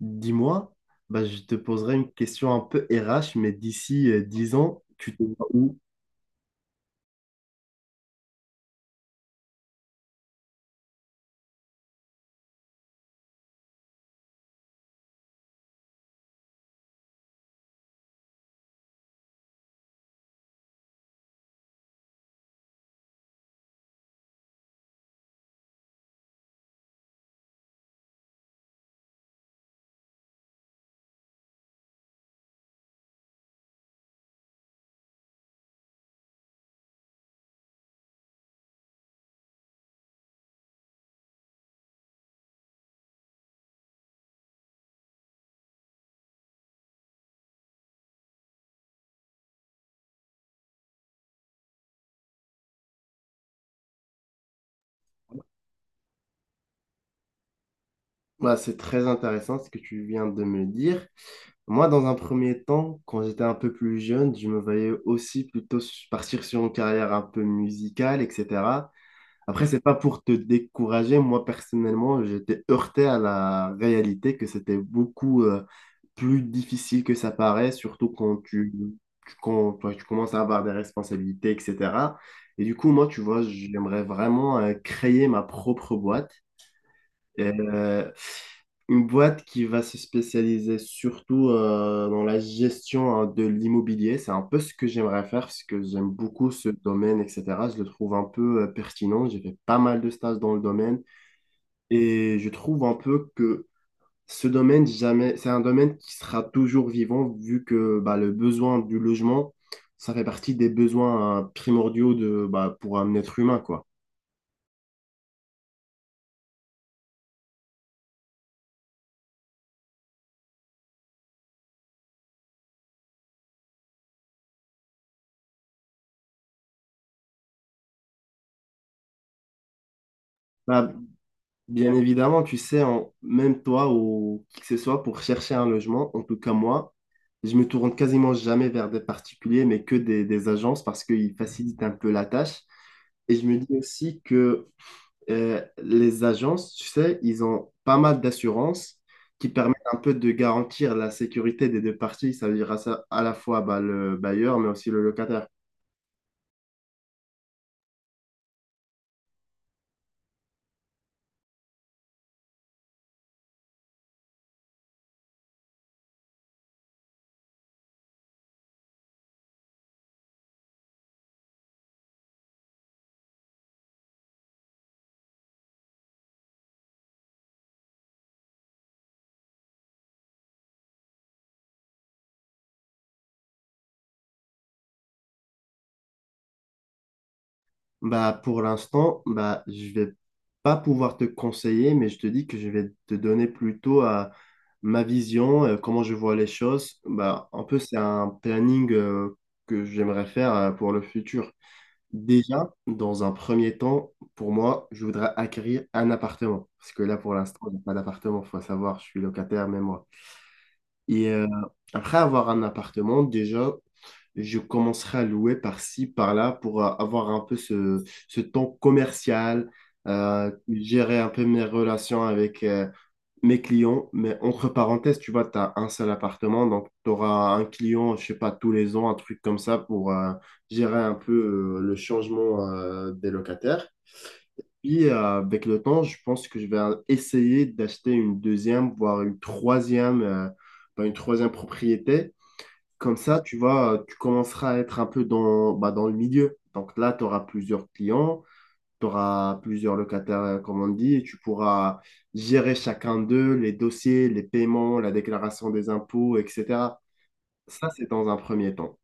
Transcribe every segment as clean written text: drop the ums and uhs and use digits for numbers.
Dis-moi, bah, je te poserai une question un peu RH, mais d'ici 10 ans, tu te vois où? Bah, c'est très intéressant ce que tu viens de me dire. Moi, dans un premier temps, quand j'étais un peu plus jeune, je me voyais aussi plutôt partir sur une carrière un peu musicale, etc. Après, c'est pas pour te décourager. Moi, personnellement, j'étais heurté à la réalité que c'était beaucoup plus difficile que ça paraît, surtout quand quand, toi, tu commences à avoir des responsabilités, etc. Et du coup, moi, tu vois, j'aimerais vraiment créer ma propre boîte. Euh, une boîte qui va se spécialiser surtout dans la gestion, hein, de l'immobilier. C'est un peu ce que j'aimerais faire parce que j'aime beaucoup ce domaine, etc. Je le trouve un peu pertinent. J'ai fait pas mal de stages dans le domaine et je trouve un peu que ce domaine, jamais, c'est un domaine qui sera toujours vivant vu que bah, le besoin du logement, ça fait partie des besoins primordiaux de, bah, pour un être humain, quoi. Bah, bien évidemment, tu sais, même toi ou qui que ce soit, pour chercher un logement, en tout cas moi, je me tourne quasiment jamais vers des particuliers, mais que des agences parce qu'ils facilitent un peu la tâche. Et je me dis aussi que les agences, tu sais, ils ont pas mal d'assurances qui permettent un peu de garantir la sécurité des deux parties, ça veut dire à la fois bah, le bailleur, mais aussi le locataire. Bah, pour l'instant, bah, je vais pas pouvoir te conseiller, mais je te dis que je vais te donner plutôt à ma vision, comment je vois les choses. Bah, un peu, c'est un planning que j'aimerais faire pour le futur. Déjà, dans un premier temps, pour moi, je voudrais acquérir un appartement. Parce que là, pour l'instant, j'ai pas d'appartement. Faut savoir, je suis locataire, mais moi. Et après avoir un appartement, déjà, je commencerai à louer par-ci, par-là, pour avoir un peu ce temps commercial, gérer un peu mes relations avec, mes clients, mais entre parenthèses, tu vois, tu as un seul appartement, donc tu auras un client, je sais pas, tous les ans, un truc comme ça pour gérer un peu le changement des locataires. Puis avec le temps, je pense que je vais essayer d'acheter une deuxième, voire une troisième, bah, une troisième propriété. Comme ça, tu vois, tu commenceras à être un peu dans, bah, dans le milieu. Donc là, tu auras plusieurs clients, tu auras plusieurs locataires, comme on dit, et tu pourras gérer chacun d'eux, les dossiers, les paiements, la déclaration des impôts, etc. Ça, c'est dans un premier temps.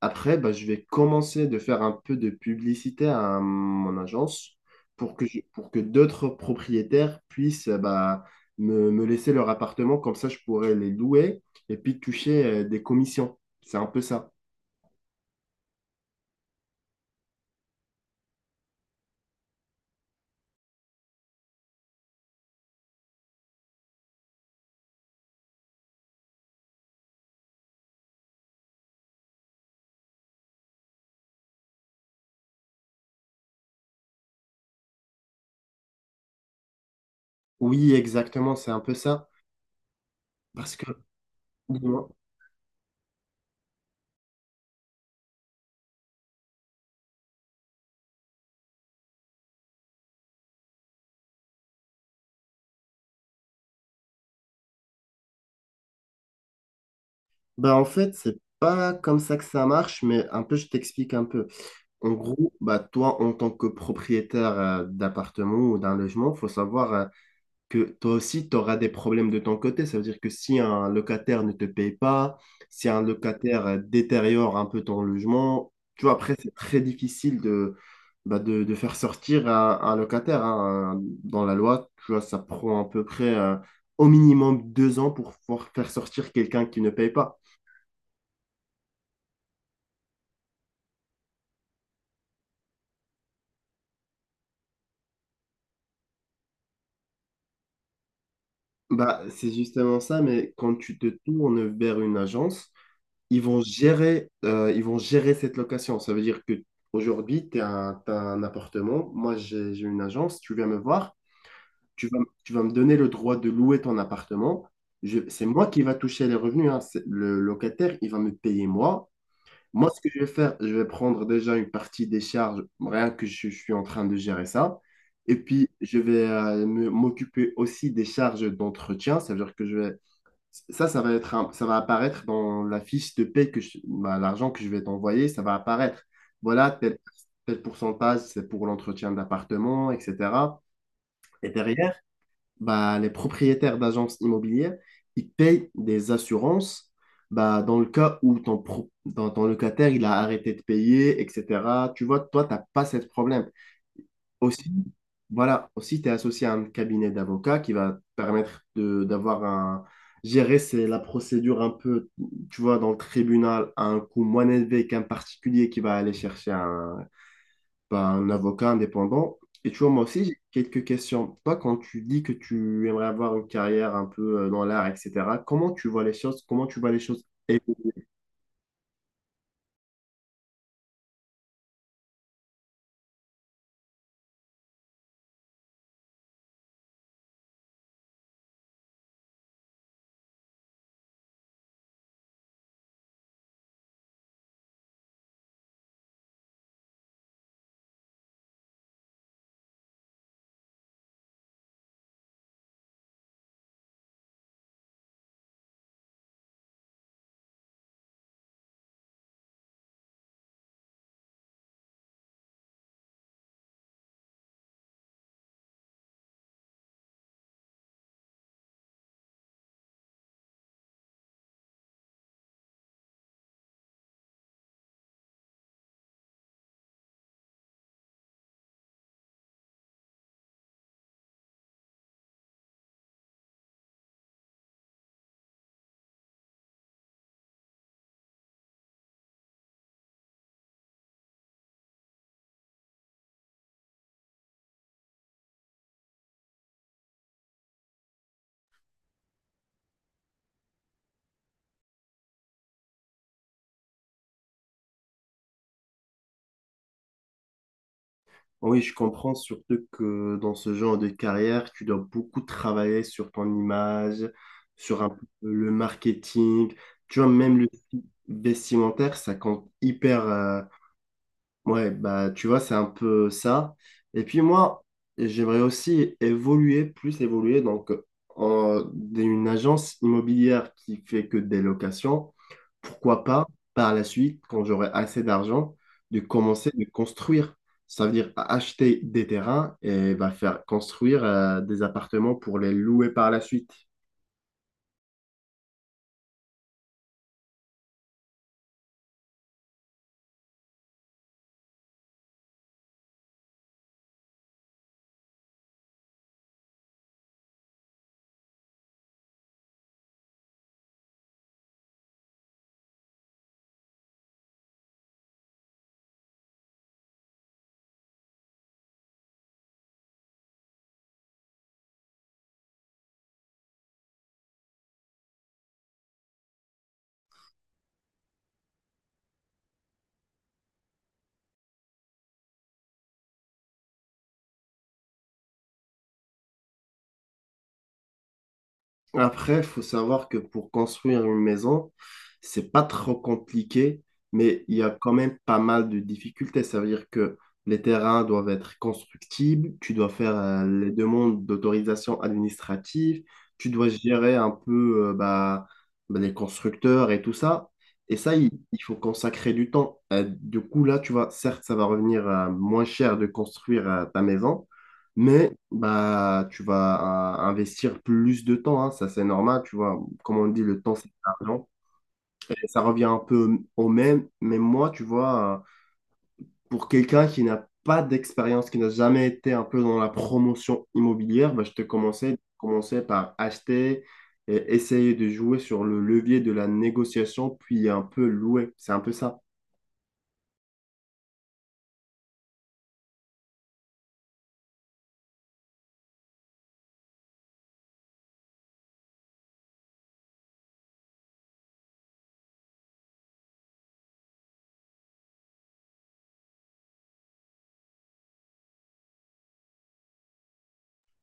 Après, bah, je vais commencer de faire un peu de publicité à mon agence pour que, pour que d'autres propriétaires puissent bah, me laisser leur appartement, comme ça je pourrais les louer et puis toucher des commissions. C'est un peu ça. Oui, exactement, c'est un peu ça. Parce que bon, Bah, en fait, c'est pas comme ça que ça marche, mais un peu, je t'explique un peu. En gros, bah, toi, en tant que propriétaire d'appartement ou d'un logement, faut savoir que toi aussi, tu auras des problèmes de ton côté. Ça veut dire que si un locataire ne te paye pas, si un locataire détériore un peu ton logement, tu vois, après, c'est très difficile de, bah, de faire sortir un locataire, hein. Dans la loi, tu vois, ça prend à peu près au minimum 2 ans pour pouvoir faire sortir quelqu'un qui ne paye pas. Bah, c'est justement ça, mais quand tu te tournes vers une agence, ils vont gérer cette location. Ça veut dire que aujourd'hui, t'as un appartement, moi j'ai une agence, tu viens me voir, tu vas, tu vas me donner le droit de louer ton appartement. C'est moi qui va toucher les revenus, hein. Le locataire, il va me payer moi. Moi, ce que je vais faire, je vais prendre déjà une partie des charges, rien que je suis en train de gérer ça. Et puis, je vais m'occuper aussi des charges d'entretien. Ça veut dire que je vais ça, ça va être un- ça va apparaître dans la fiche de paie bah, l'argent que je vais t'envoyer, ça va apparaître. Voilà, tel pourcentage, c'est pour l'entretien d'appartement, etc. Et derrière, bah, les propriétaires d'agences immobilières, ils payent des assurances bah, dans le cas où ton locataire, il a arrêté de payer, etc. Tu vois, toi, tu n'as pas ce problème. Aussi, voilà, aussi, tu es associé à un cabinet d'avocats qui va te permettre de d'avoir un. Gérer, c'est la procédure un peu, tu vois, dans le tribunal, à un coût moins élevé qu'un particulier qui va aller chercher un avocat indépendant. Et tu vois, moi aussi, j'ai quelques questions. Toi, quand tu dis que tu aimerais avoir une carrière un peu dans l'art, etc., comment tu vois les choses? Oui, je comprends surtout que dans ce genre de carrière, tu dois beaucoup travailler sur ton image, sur un peu le marketing. Tu vois, même le style vestimentaire, ça compte hyper. Ouais, bah tu vois, c'est un peu ça. Et puis moi, j'aimerais aussi évoluer, plus évoluer, donc d'une agence immobilière qui fait que des locations. Pourquoi pas, par la suite, quand j'aurai assez d'argent, de commencer de construire. Ça veut dire acheter des terrains et bah, faire construire des appartements pour les louer par la suite. Après, il faut savoir que pour construire une maison, c'est pas trop compliqué, mais il y a quand même pas mal de difficultés. Ça veut dire que les terrains doivent être constructibles, tu dois faire les demandes d'autorisation administrative, tu dois gérer un peu bah, les constructeurs et tout ça. Et ça, il faut consacrer du temps. Du coup, là, tu vois, certes, ça va revenir moins cher de construire ta maison, mais bah, tu vas investir plus de temps, hein, ça c'est normal, tu vois. Comme on dit, le temps c'est de l'argent. Et ça revient un peu au même, mais moi, tu vois, pour quelqu'un qui n'a pas d'expérience, qui n'a jamais été un peu dans la promotion immobilière, bah, je te commençais par acheter et essayer de jouer sur le levier de la négociation, puis un peu louer. C'est un peu ça.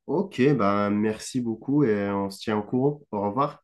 Ok, bah, merci beaucoup et on se tient au courant. Au revoir.